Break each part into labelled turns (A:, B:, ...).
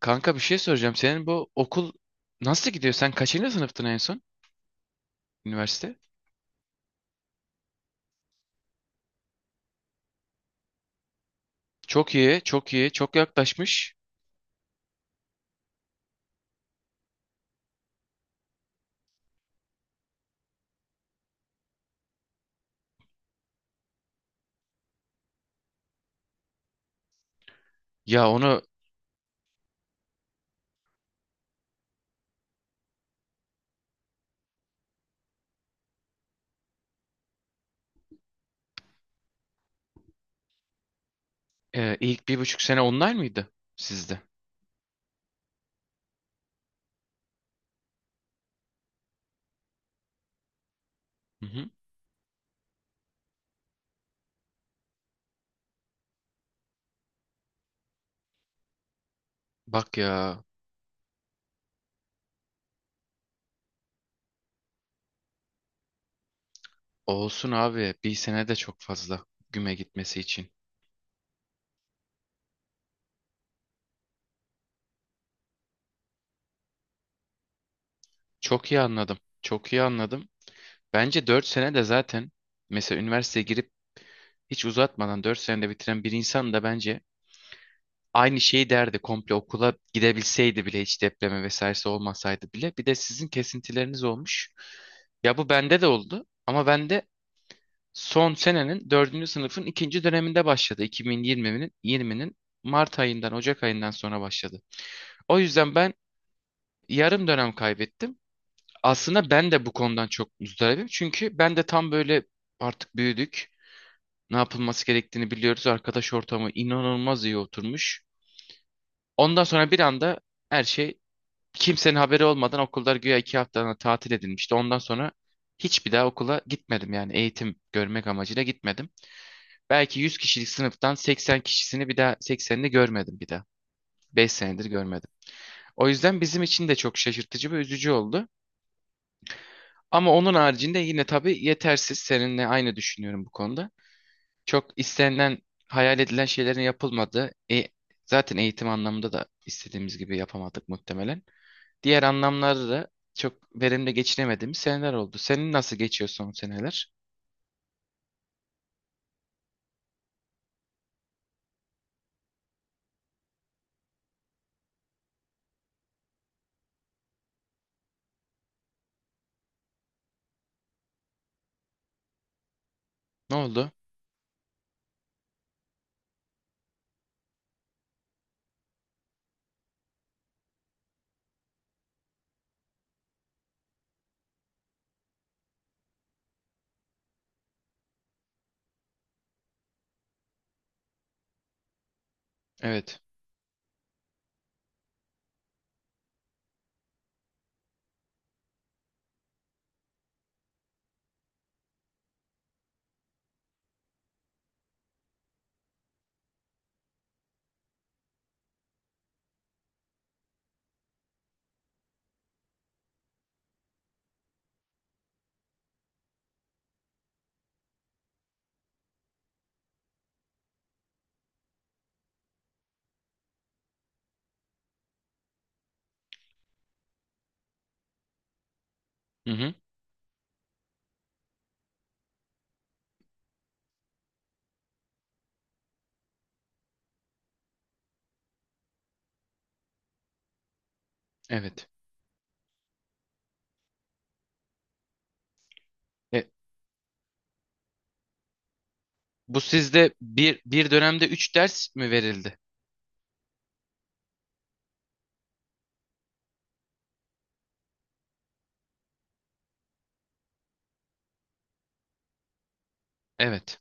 A: Kanka bir şey soracağım. Senin bu okul nasıl gidiyor? Sen kaçıncı sınıftın en son üniversite? Çok iyi, çok iyi, çok yaklaşmış. Ya onu ilk 1,5 sene online mıydı sizde? Hı hı. Bak ya olsun abi 1 sene de çok fazla güme gitmesi için. Çok iyi anladım, çok iyi anladım. Bence 4 sene de zaten mesela üniversiteye girip hiç uzatmadan 4 senede bitiren bir insan da bence aynı şeyi derdi komple okula gidebilseydi bile hiç depremi vesairesi olmasaydı bile. Bir de sizin kesintileriniz olmuş. Ya bu bende de oldu ama bende son senenin dördüncü sınıfın ikinci döneminde başladı. 2020'nin 20'nin Mart ayından Ocak ayından sonra başladı. O yüzden ben yarım dönem kaybettim. Aslında ben de bu konudan çok muzdaribim. Çünkü ben de tam böyle artık büyüdük. Ne yapılması gerektiğini biliyoruz. Arkadaş ortamı inanılmaz iyi oturmuş. Ondan sonra bir anda her şey. Kimsenin haberi olmadan okullar güya 2 haftalığına tatil edilmişti. Ondan sonra hiçbir daha okula gitmedim, yani eğitim görmek amacıyla gitmedim. Belki 100 kişilik sınıftan 80 kişisini bir daha, 80'ini görmedim bir daha. 5 senedir görmedim. O yüzden bizim için de çok şaşırtıcı ve üzücü oldu. Ama onun haricinde yine tabii yetersiz. Seninle aynı düşünüyorum bu konuda. Çok istenilen, hayal edilen şeylerin yapılmadığı, zaten eğitim anlamında da istediğimiz gibi yapamadık muhtemelen. Diğer anlamlarda da çok verimli geçinemediğimiz seneler oldu. Senin nasıl geçiyor son seneler? Ne oldu? Evet. Hı hı. Evet. E, Bu sizde bir dönemde 3 ders mi verildi? Evet.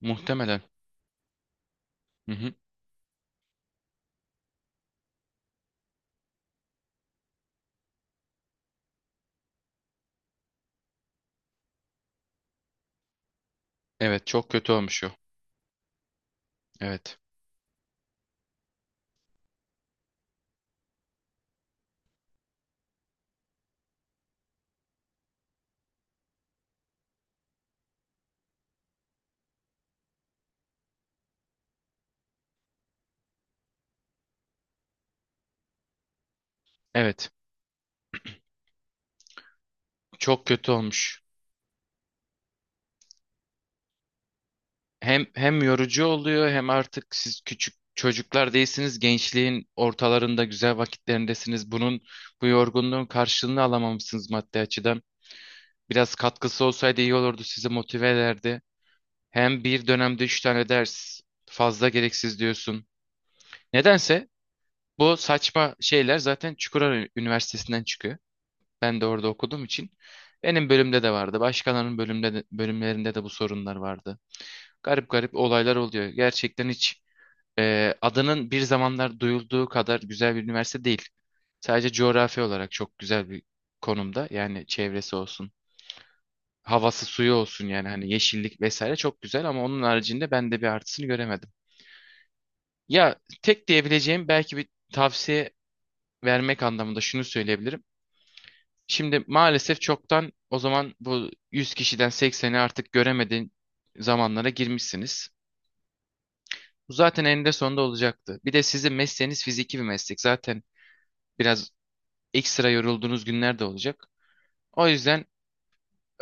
A: Muhtemelen. Hı hı. Evet, çok kötü olmuş o. Evet. Evet. Çok kötü olmuş. Hem yorucu oluyor hem artık siz küçük çocuklar değilsiniz. Gençliğin ortalarında güzel vakitlerindesiniz. Bunun bu yorgunluğun karşılığını alamamışsınız maddi açıdan. Biraz katkısı olsaydı iyi olurdu, sizi motive ederdi. Hem bir dönemde 3 tane ders fazla gereksiz diyorsun. Nedense bu saçma şeyler zaten Çukurova Üniversitesi'nden çıkıyor. Ben de orada okuduğum için. Benim bölümde de vardı. Bölümlerinde de bu sorunlar vardı. Garip garip olaylar oluyor. Gerçekten hiç adının bir zamanlar duyulduğu kadar güzel bir üniversite değil. Sadece coğrafi olarak çok güzel bir konumda. Yani çevresi olsun, havası suyu olsun, yani hani yeşillik vesaire çok güzel, ama onun haricinde ben de bir artısını göremedim. Ya tek diyebileceğim, belki bir tavsiye vermek anlamında şunu söyleyebilirim. Şimdi maalesef çoktan o zaman bu 100 kişiden 80'i artık göremediğin zamanlara girmişsiniz. Bu zaten eninde sonunda olacaktı. Bir de sizin mesleğiniz fiziki bir meslek. Zaten biraz ekstra yorulduğunuz günler de olacak. O yüzden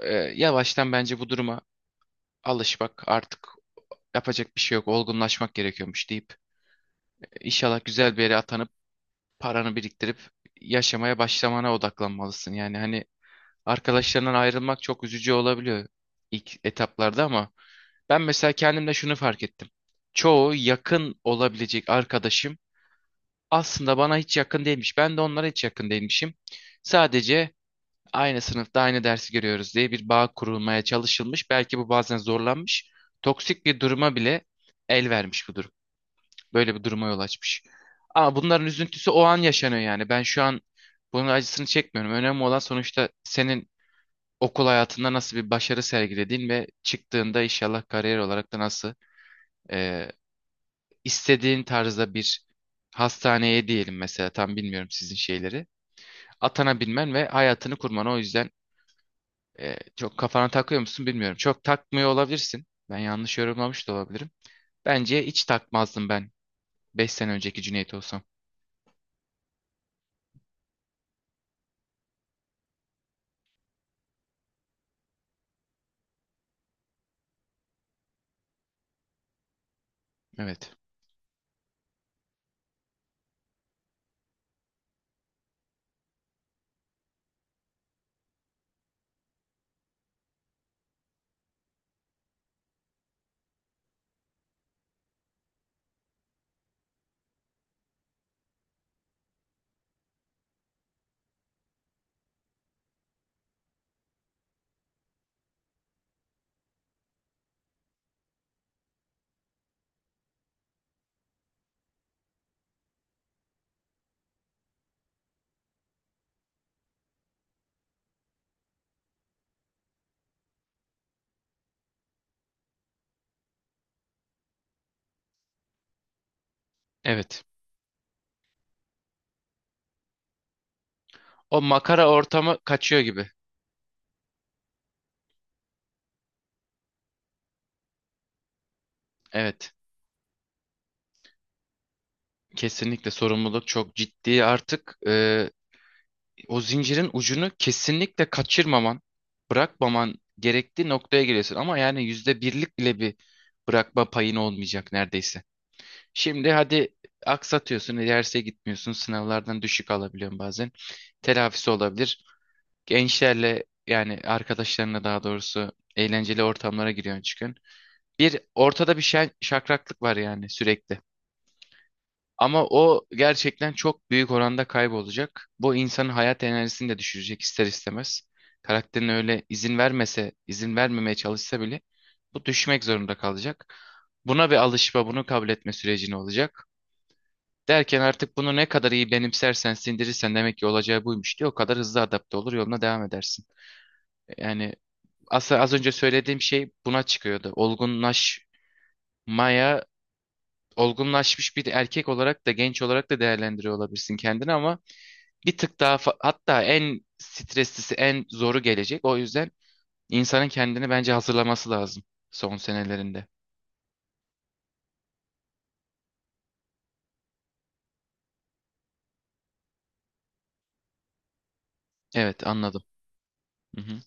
A: e, yavaştan bence bu duruma alışmak, artık yapacak bir şey yok. Olgunlaşmak gerekiyormuş deyip İnşallah güzel bir yere atanıp paranı biriktirip yaşamaya başlamana odaklanmalısın. Yani hani arkadaşlarından ayrılmak çok üzücü olabiliyor ilk etaplarda, ama ben mesela kendimde şunu fark ettim. Çoğu yakın olabilecek arkadaşım aslında bana hiç yakın değilmiş. Ben de onlara hiç yakın değilmişim. Sadece aynı sınıfta aynı dersi görüyoruz diye bir bağ kurulmaya çalışılmış. Belki bu bazen zorlanmış. Toksik bir duruma bile el vermiş bu durum. Böyle bir duruma yol açmış. Ama bunların üzüntüsü o an yaşanıyor yani. Ben şu an bunun acısını çekmiyorum. Önemli olan sonuçta senin okul hayatında nasıl bir başarı sergilediğin ve çıktığında inşallah kariyer olarak da nasıl e, istediğin tarzda bir hastaneye diyelim mesela, tam bilmiyorum sizin şeyleri. Atanabilmen ve hayatını kurman. O yüzden çok kafana takıyor musun bilmiyorum. Çok takmıyor olabilirsin. Ben yanlış yorumlamış da olabilirim. Bence hiç takmazdım ben 5 sene önceki Cüneyt olsam. Evet. Evet. O makara ortamı kaçıyor gibi. Evet. Kesinlikle sorumluluk çok ciddi artık. O zincirin ucunu kesinlikle kaçırmaman, bırakmaman gerektiği noktaya geliyorsun. Ama yani yüzde birlik bile bir bırakma payın olmayacak neredeyse. Şimdi hadi aksatıyorsun, derse gitmiyorsun, sınavlardan düşük alabiliyorsun bazen. Telafisi olabilir. Gençlerle, yani arkadaşlarına daha doğrusu, eğlenceli ortamlara giriyorsun çıkıyorsun. Bir ortada bir şey şakraklık var yani, sürekli. Ama o gerçekten çok büyük oranda kaybolacak. Bu insanın hayat enerjisini de düşürecek ister istemez. Karakterin öyle izin vermese, izin vermemeye çalışsa bile bu düşmek zorunda kalacak. Buna bir alışma, bunu kabul etme sürecini olacak. Derken artık bunu ne kadar iyi benimsersen, sindirirsen, demek ki olacağı buymuş diye, o kadar hızlı adapte olur, yoluna devam edersin. Yani aslında az önce söylediğim şey buna çıkıyordu. Olgunlaşmaya, olgunlaşmış bir erkek olarak da genç olarak da değerlendiriyor olabilirsin kendini, ama bir tık daha hatta en streslisi, en zoru gelecek. O yüzden insanın kendini bence hazırlaması lazım son senelerinde. Evet, anladım. Hı hı.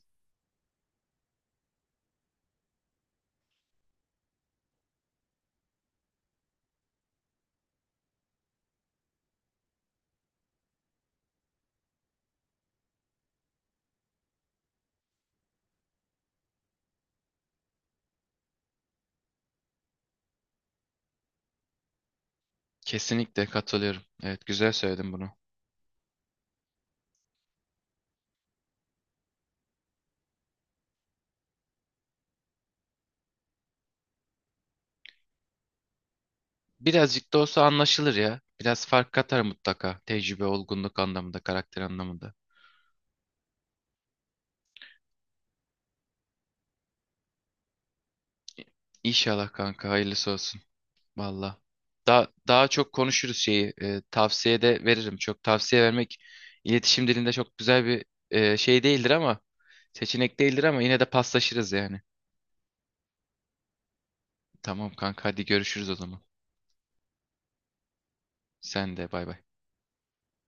A: Kesinlikle katılıyorum. Evet, güzel söyledin bunu. Birazcık da olsa anlaşılır ya. Biraz fark katar mutlaka. Tecrübe, olgunluk anlamında, karakter anlamında. İnşallah kanka, hayırlısı olsun. Valla. Daha çok konuşuruz şeyi. Tavsiye de veririm. Çok tavsiye vermek iletişim dilinde çok güzel bir şey değildir ama, seçenek değildir ama, yine de paslaşırız yani. Tamam kanka, hadi görüşürüz o zaman. Sen de bay bay.